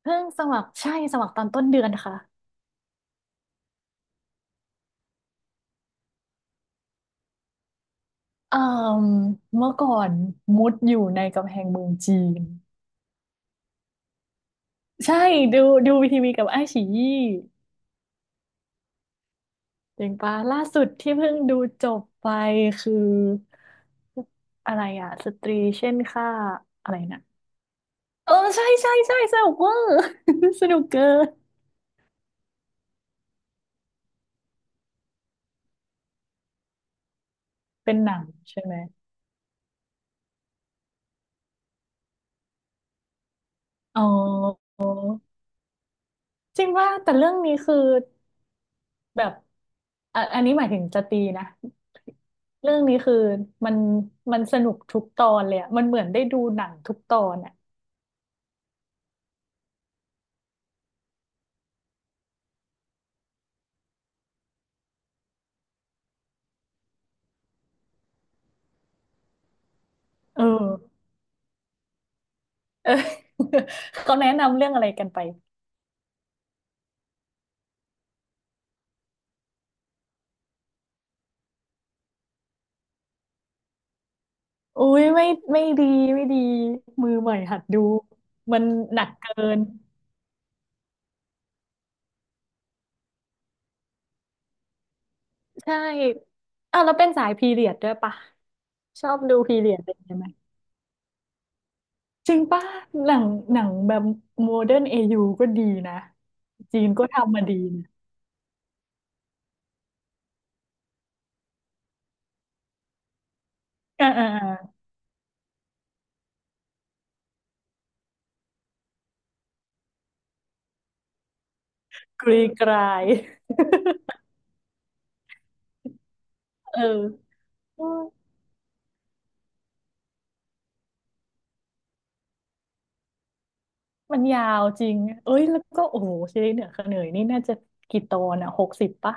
เพิ่งสมัครใช่สมัครตอนต้นเดือนค่ะเอ่มเมื่อก่อนมุดอยู่ในกำแพงเมืองจีนใช่ดูดูวีทีวีกับไอ้ายฉียี่เจ๋งปะล่าสุดที่เพิ่งดูจบไปคืออะไรอะสตรีเช่นค่าอะไรนะเออใช่ใช่ใช่สนุกเวอร์ สนุกเกินเป็นหนังใช่ไหมอ๋อจริงว่าแต่เรื่องนี้คือ แบบอ่ะอันนี้หมายถึงจะตีนะ เรื่องนี้คือมันมันสนุกทุกตอนเลยอะมันเหมือนได้ดูหนังทุกตอนอะเออเออ เขาแนะนำเรื่องอะไรกันไป อุ้ยไม่ไม่ดีไม่ดีมือใหม่หัดดูมันหนักเกินใช่อ่ะแล้วเป็นสายพีเรียดด้วยปะชอบดูพีเรียดอะไรอย่างเงี้ยไหม จริงป่ะหนังหนังแบบโมเดิร์นเอยูก็ดีนะจีนก็ทำมาดีนะอ่าอ่า กรีกราย เออมันยาวจริงเอ้ยแล้วก็โอ้โหซีรีส์เหนือเขนยนี่น่าจะกี่ตอนอ่ะ60 ปะ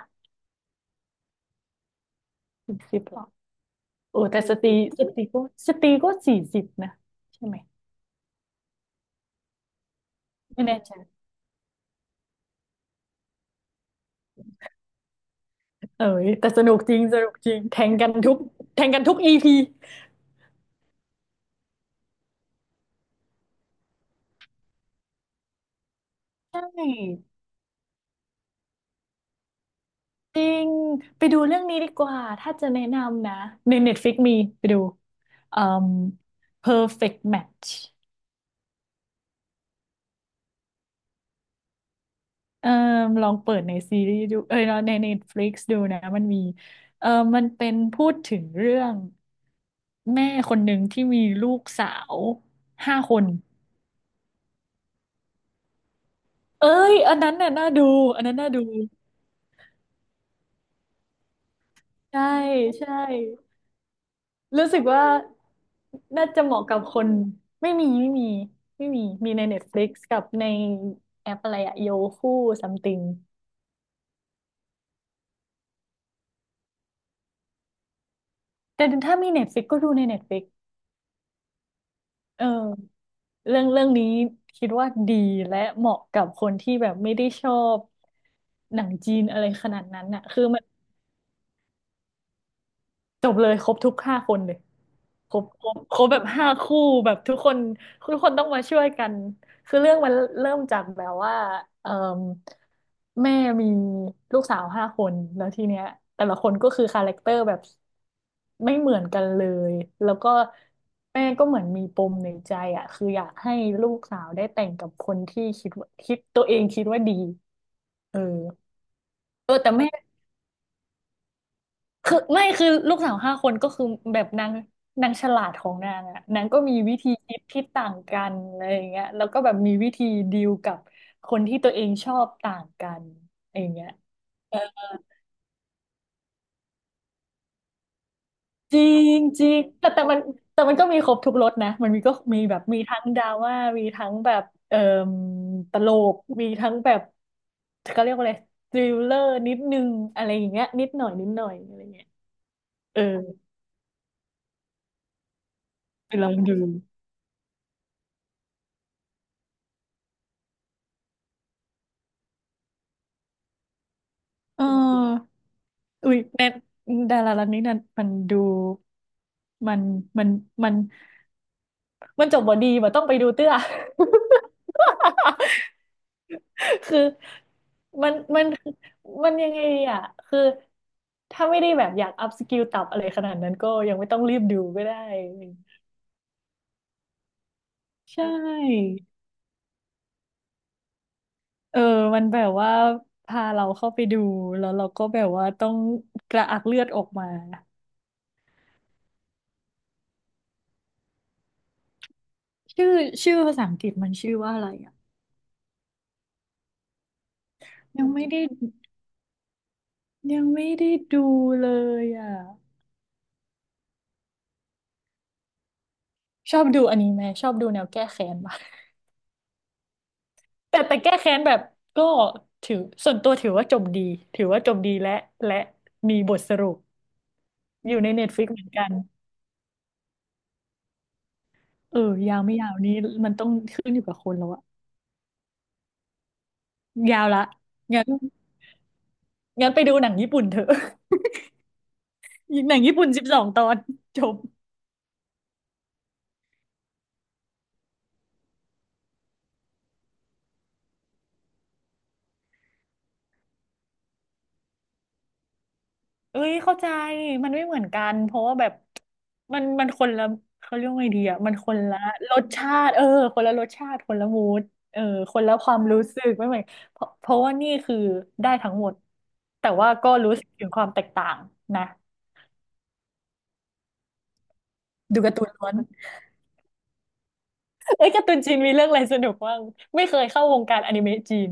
60 หรอโอ้แต่สตรีสตรีก็สตรีก็40 นะใช่ไหมไม่แน่ใจเอ้ยแต่สนุกจริงสนุกจริงแทงกันทุกอีพีใช่จริงไปดูเรื่องนี้ดีกว่าถ้าจะแนะนำนะใน Netflix มีไปดูอืม Perfect Match เออลองเปิดในซีรีส์ดูเอ้ยเนาะใน Netflix ดูนะมันมีเออมันเป็นพูดถึงเรื่องแม่คนหนึ่งที่มีลูกสาวห้าคนเอ้ยอันนั้นน่ะน่าดูอันนั้นน่าดูใช่ใช่รู้สึกว่าน่าจะเหมาะกับคนไม่มีไม่มีไม่มีมีใน Netflix กับในแอปอะไรอะโยคู e ซัมติงแต่ถ้ามี Netflix ก็ดูใน Netflix เออ เรื่องนี้คิดว่าดีและเหมาะกับคนที่แบบไม่ได้ชอบหนังจีนอะไรขนาดนั้นน่ะคือมันจบเลยครบทุกห้าคนเลย ครบครบครบแบบห้าคู่แบบทุกคนทุกคนต้องมาช่วยกันคือเรื่องมันเริ่มจากแบบว่าเอ่แม่มีลูกสาวห้าคนแล้วทีเนี้ยแต่ละคนก็คือคาแรคเตอร์แบบไม่เหมือนกันเลยแล้วก็แม่ก็เหมือนมีปมในใจอ่ะคืออยากให้ลูกสาวได้แต่งกับคนที่คิดว่าคิดตัวเองคิดว่าดีเออเออแต่แม่ คือไม่คือลูกสาวห้าคนก็คือแบบนางนางฉลาดของนางอะนางก็มีวิธีคิดที่ต่างกันอะไรอย่างเงี้ยแล้วก็แบบมีวิธีดีลกับคนที่ตัวเองชอบต่างกันอะไรอย่างเงี้ยจริงจริงแต่มันแต่มันก็มีครบทุกรสนะมันมีก็มีแบบมีทั้งดราม่ามีทั้งแบบเอ่อตลกมีทั้งแบบเขาเรียกว่าอะไรทริลเลอร์นิดนึงอะไรอย่างเงี้ยนิดหน่อยนิดหน่อยอะไรเงี้ยเออไปลองดูเออ อุ๊ยแน็ดารารันนี้นั่นมันดูมันมันมันมันจบบ่ดีว่าต้องไปดูเตื้อ คือมันมันยังไงดีอ่ะคือถ้าไม่ได้แบบอยากอัพสกิลตับอะไรขนาดนั้นก็ยังไม่ต้องรีบดูก็ได้ใช่เออ มันแบบว่าพาเราเข้าไปดูแล้วเราก็แบบว่าต้องกระอักเลือดออกมาชื่อชื่อภาษาอังกฤษมันชื่อว่าอะไรอ่ะยังไม่ได้ ยังไม่ได้ดูเลยอ่ะชอบดูอนิเมะชอบดูแนวแก้แค้นมากแต่แก้แค้นแบบก็ถือส่วนตัวถือว่าจบดีถือว่าจบดีและและมีบทสรุปอยู่ในเน็ตฟลิกเหมือนกันเออยาวไม่ยาวนี้มันต้องขึ้นอยู่กับคนแล้วอะยาวละงั้นงั้นไปดูหนังญี่ปุ่นเถอะ หนังญี่ปุ่น12 ตอนจบ เอ้ยเข้าใจมันไม่เหมือนกันเพราะว่าแบบมันคนละเขาเรียกว่าไงดีอ่ะมันคนละรสชาติเออคนละรสชาติคนละมูดเออคนละความรู้สึกไม่เหมือนเพราะว่านี่คือได้ทั้งหมดแต่ว่าก็รู้สึกถึงความแตกต่างนะดูการ์ตูนล้วนเอ้ยการ์ตูนจีนมีเรื่องอะไรสนุกบ้างไม่เคยเข้าวงการอนิเมะจีน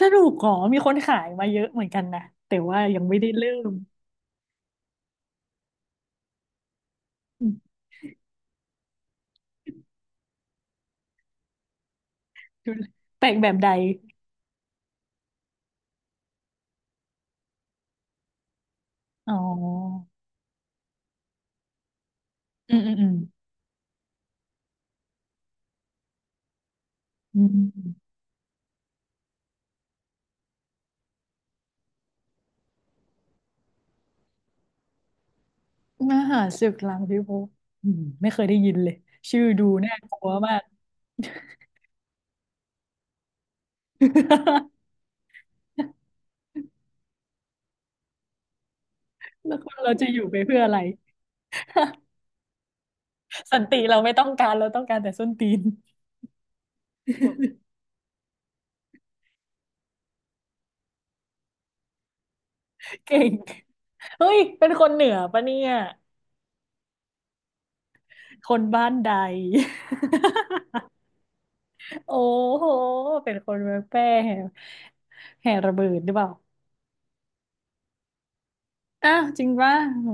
สนุกอ๋อมีคนขายมาเยอะเหมือนกันนะแต่ว่ายังไม่ได้เริ่มอืมดูแปลกแบบใดอ๋ออืมอืมอืมอืม มหารศึกหลังพิภพอืมไม่เคยได้ยินเลย ชื่อดูน่ากลัวมาก แล้วคนเราจะอยู่ไปเพื่ออะไร สันติเราไม่ต้องการเราต้องการแต่ส้นตีน เก่ง เฮ้ยเป็นคนเหนือปะเนี่ยคนบ้านใด โอ้โห เป็นคนเมืองแพร่แห่แห่ระเบิดหรือเปล่าอ้าวจริงป่ะโอ้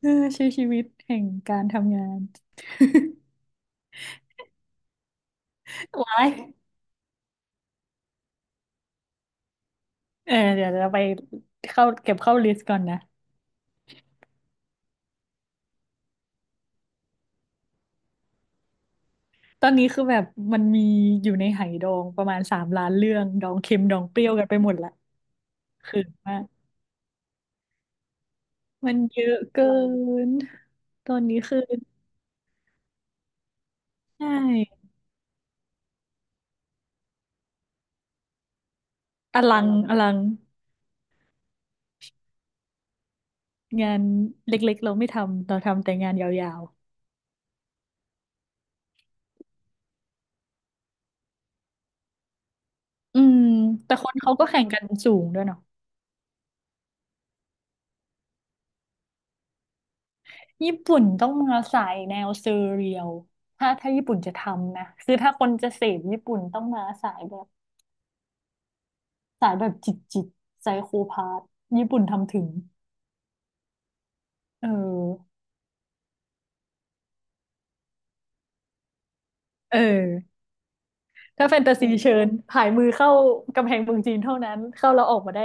เออใช้ชีวิตแห่งการทำงาน ว้ายเออเดี๋ยวเราไปเข้าเก็บเข้าลิสต์ก่อนนะ ตอนนี้คือแบบมันมีอยู่ในไหดองประมาณสามล้านเรื่องดองเค็มดองเปรี้ยวกันไปหมดละคือมากมันเยอะเกินตอนนี้คือใช่อลังอลังงานเล็กๆเราไม่ทำเราทำแต่งานยาวๆแต่คนเขาก็แข่งกันสูงด้วยเนาะญี่ปุ่นต้องมาสายแนวเซเรียลถ้าญี่ปุ่นจะทำนะคือถ้าคนจะเสพญี่ปุ่นต้องมาสายแบบสายแบบจิตจิตไซโคพาธญี่ปุ่นทำถึงเออ เออถ้าแฟนตาซีเชิญผายมือเข้ากำแพงเมืองจีนเท่านั้นเข้าแล้วออกมาได้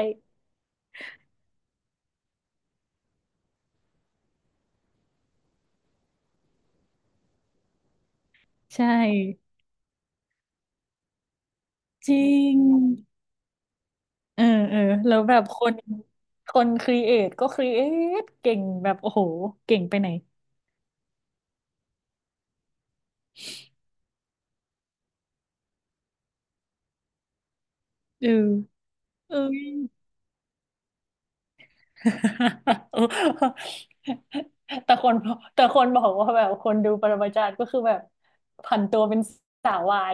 ใช่จริงเออเออแล้วแบบคนคนครีเอทก็ครีเอทเก่งแบบโอ้โหเก่งไปไหนเออเอ้ย แต่คนแต่คนบอกว่าแบบคนดูปรมาจารย์ก็คือแบบผันตัวเป็นสาววาย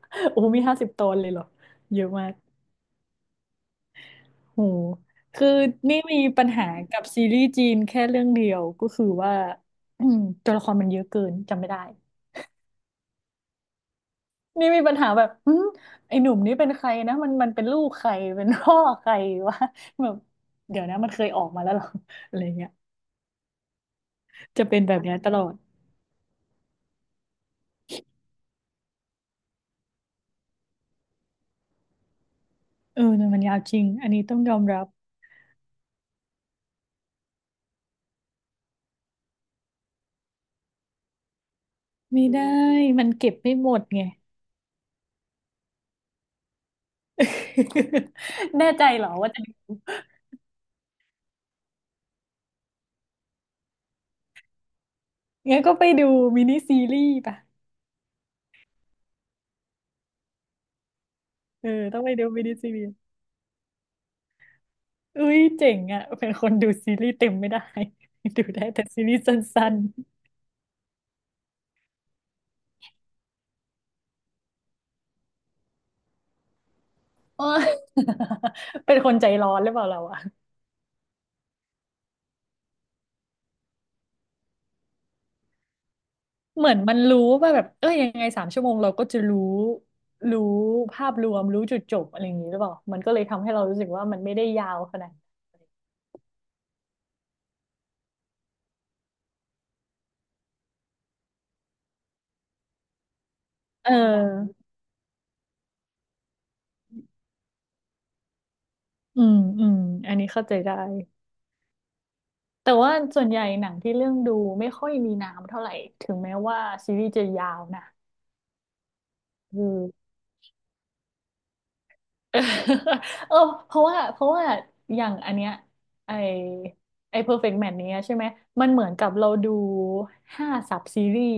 โอ้โหมีห้าสิบตนเลยเหรอเยอะมาก โหคือนี่มีปัญหากับซีรีส์จีนแค่เรื่องเดียวก็คือว่า อืมตัวละครมันเยอะเกินจำไม่ได้นี่มีปัญหาแบบหึไอ้หนุ่มนี่เป็นใครนะมันเป็นลูกใครเป็นพ่อใครวะแบบเดี๋ยวนะมันเคยออกมาแล้วเหรอ อะไรเงี้ยจะเป็นแบบเนี้ยตลอดเออ่มันยาวจริงอันนี้ต้องยอมรับไม่ได้มเก็บไม่หมดไง แน่ใจเหรอว่าจะงั้นก็ไปดูมินิซีรีส์ป่ะเออต้องไปดูมินิซีรีส์ อุ้ยเจ๋งอ่ะเป็นคนดูซีรีส์เต็มไม่ได้ ดูได้แต่ซีรีส์สั้นๆเอย เป็นคนใจร้อนหรือเปล่าเราอะเหมือนมันรู้ว่าแบบเอ้ยยังไงสามชั่วโมงเราก็จะรู้รู้ภาพรวมรู้จุดจบอะไรอย่างนี้หรือเปล่ามันก็เลยทำให้เรารู้สึกว่ามันไม่ได้ยาวขนาดเอออืมอันนี้เข้าใจได้แต่ว่าส่วนใหญ่หนังที่เรื่องดูไม่ค่อยมีน้ำเท่าไหร่ถึงแม้ว่าซีรีส์จะยาวนะ เออเออเพราะว่าอย่างอันเนี้ยไอไอ Perfect Match เนี้ยใช่ไหมมันเหมือนกับเราดูห้าซับซีรีส์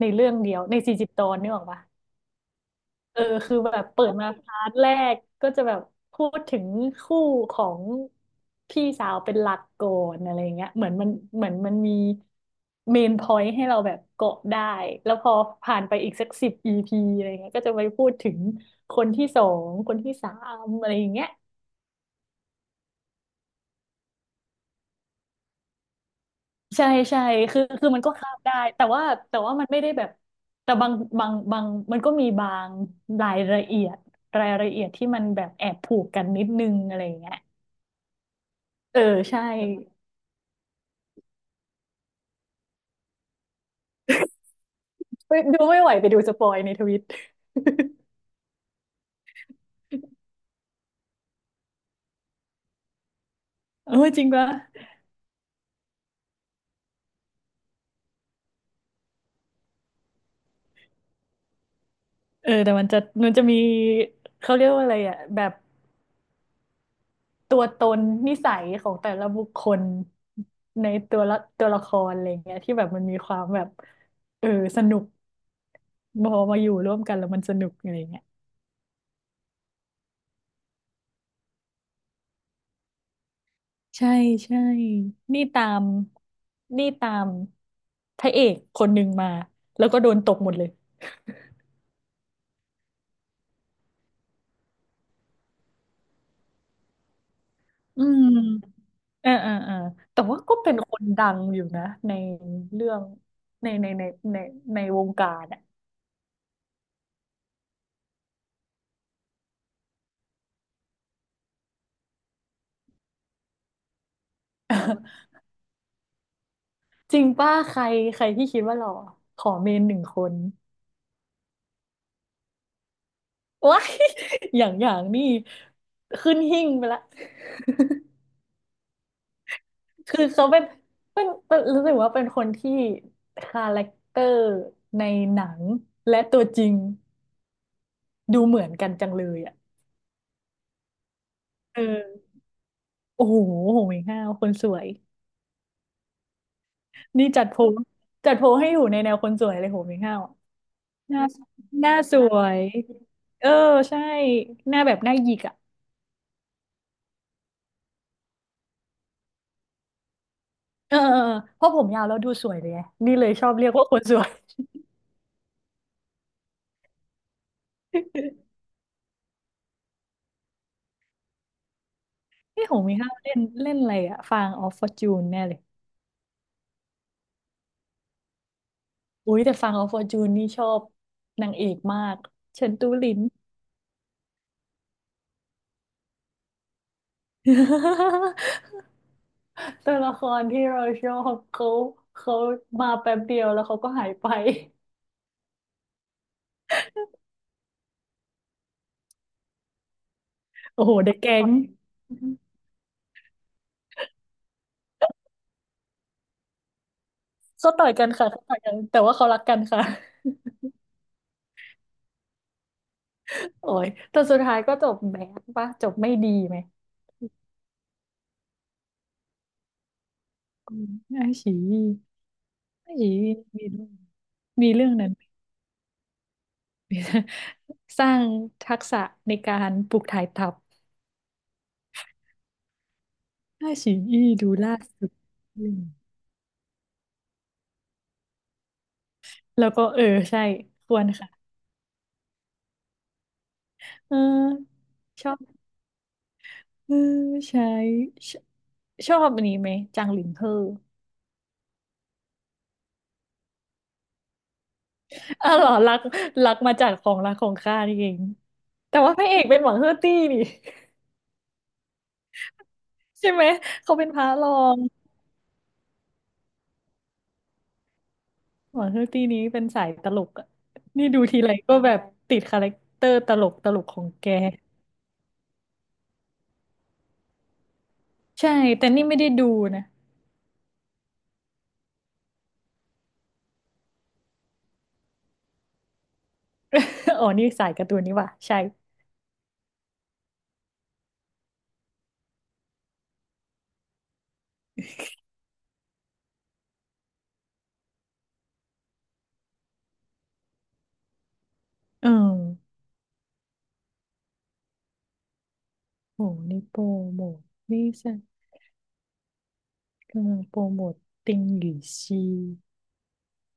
ในเรื่องเดียวในสี่สิบตอนนี่หรอกปะเออคือแบบเปิดมาพาร์ทแรกก็จะแบบพูดถึงคู่ของพี่สาวเป็นหลักก่อนอะไรเงี้ยเหมือนมันมีเมนพอยต์ให้เราแบบเกาะได้แล้วพอผ่านไปอีกสักสิบ EP อะไรเงี้ยก็จะไปพูดถึงคนที่สองคนที่สามอะไรอย่างเงี้ย ใช่ใช่คือมันก็ข้ามได้แต่ว่ามันไม่ได้แบบ แต่บางบางบางมันก็มีบางรายละเอียดรายละเอียดที่มันแบบแอบผูกกันนิดนึงอะไรอย่างเงี้ยเออใช่ไปดูไม่ไหวไปดูสปอยในทวิต เออจริงปะเออแต่มันจะมีเขาเรียกว่าอะไรอ่ะแบบตัวตนนิสัยของแต่ละบุคคลในตัวละตัวละครอะไรอย่างเงี้ยที่แบบมันมีความแบบเออสนุกพอมาอยู่ร่วมกันแล้วมันสนุกอะไรอย่างเงี้ย ใช่ใช่ นี่ตามนี่ตามพระเอกคนหนึ่งมาแล้วก็โดนตกหมดเลย อืมอ่าอ่าอ่าแต่ว่าก็เป็นคนดังอยู่นะในเรื่องในในในวงการอ่ะ จริงป้าใครใครที่คิดว่าหล่อขอเมนหนึ่งคนว้าย อย่างนี่ขึ้นหิ้งไปละ คือเขาเป็นเป็นรู้สึกว่าเป็นคนที่คาแรคเตอร์ในหนังและตัวจริงดูเหมือนกันจังเลยอ่ะเออโอ้โหโหเมงห้าวคนสวยนี่จัดโพลให้อยู่ในแนวคนสวยเลยโหเมงห้าวอะหน้าสวยเออใช่หน้าแบบหน้าหยิกอ่ะเออเออเออเพราะผมยาวแล้วดูสวยเลยไงนี่เลยชอบเรียกว่าคนสวย นี่โหเมงห้าวเล่นเล่นอะไรอ่ะฟางออฟฟอร์จูนแน่เลย อุ้ยแต่ฟังเอาฟอร์จูนนี่ชอบนางเอกมากเฉินตูหลิน ตัวละครที่เราชอบเขาเขามาแป๊บเดียวแล้วเขาก็หายไปโอ้โหเดอะแก๊งเขาต่อยกันค่ะเขาต่อยกันแต่ว่าเขารักกันค่ะโอ้ยแต่สุดท้ายก็จบแบดปะจบไม่ดีไหมอืมไอ้ฉีไอ้ฉีมีเรื่องมีเรื่องนั้นสร้างทักษะในการปลูกถ่ายทัพไอ้ฉีดูล่าสุด แล้วก็เออใช่ควรค่ะเออชอบเออใช่ชชอบอันนี้ไหมจางหลินเฮ่ออ้อเหรอรักรักมาจากของรักของข้านี่เองแต่ว่าพระเอกเป็นหวังเฮอร์ตี้นี่ ใช่ไหมเขาเป็นพระรองหวังเฮอร์ตี้นี้เป็นสายตลกอะนี่ดูทีไรก็แบบติดคาแรคเตอร์ตลกของแกใช่แต่นี่ไม่ได้ดูนะ อ๋อนี่สายการ์ตูนนี่ว่ะใช่เออโหนี่โปรโมทนี่ใช่ ก็โปรโมทติงหยีซี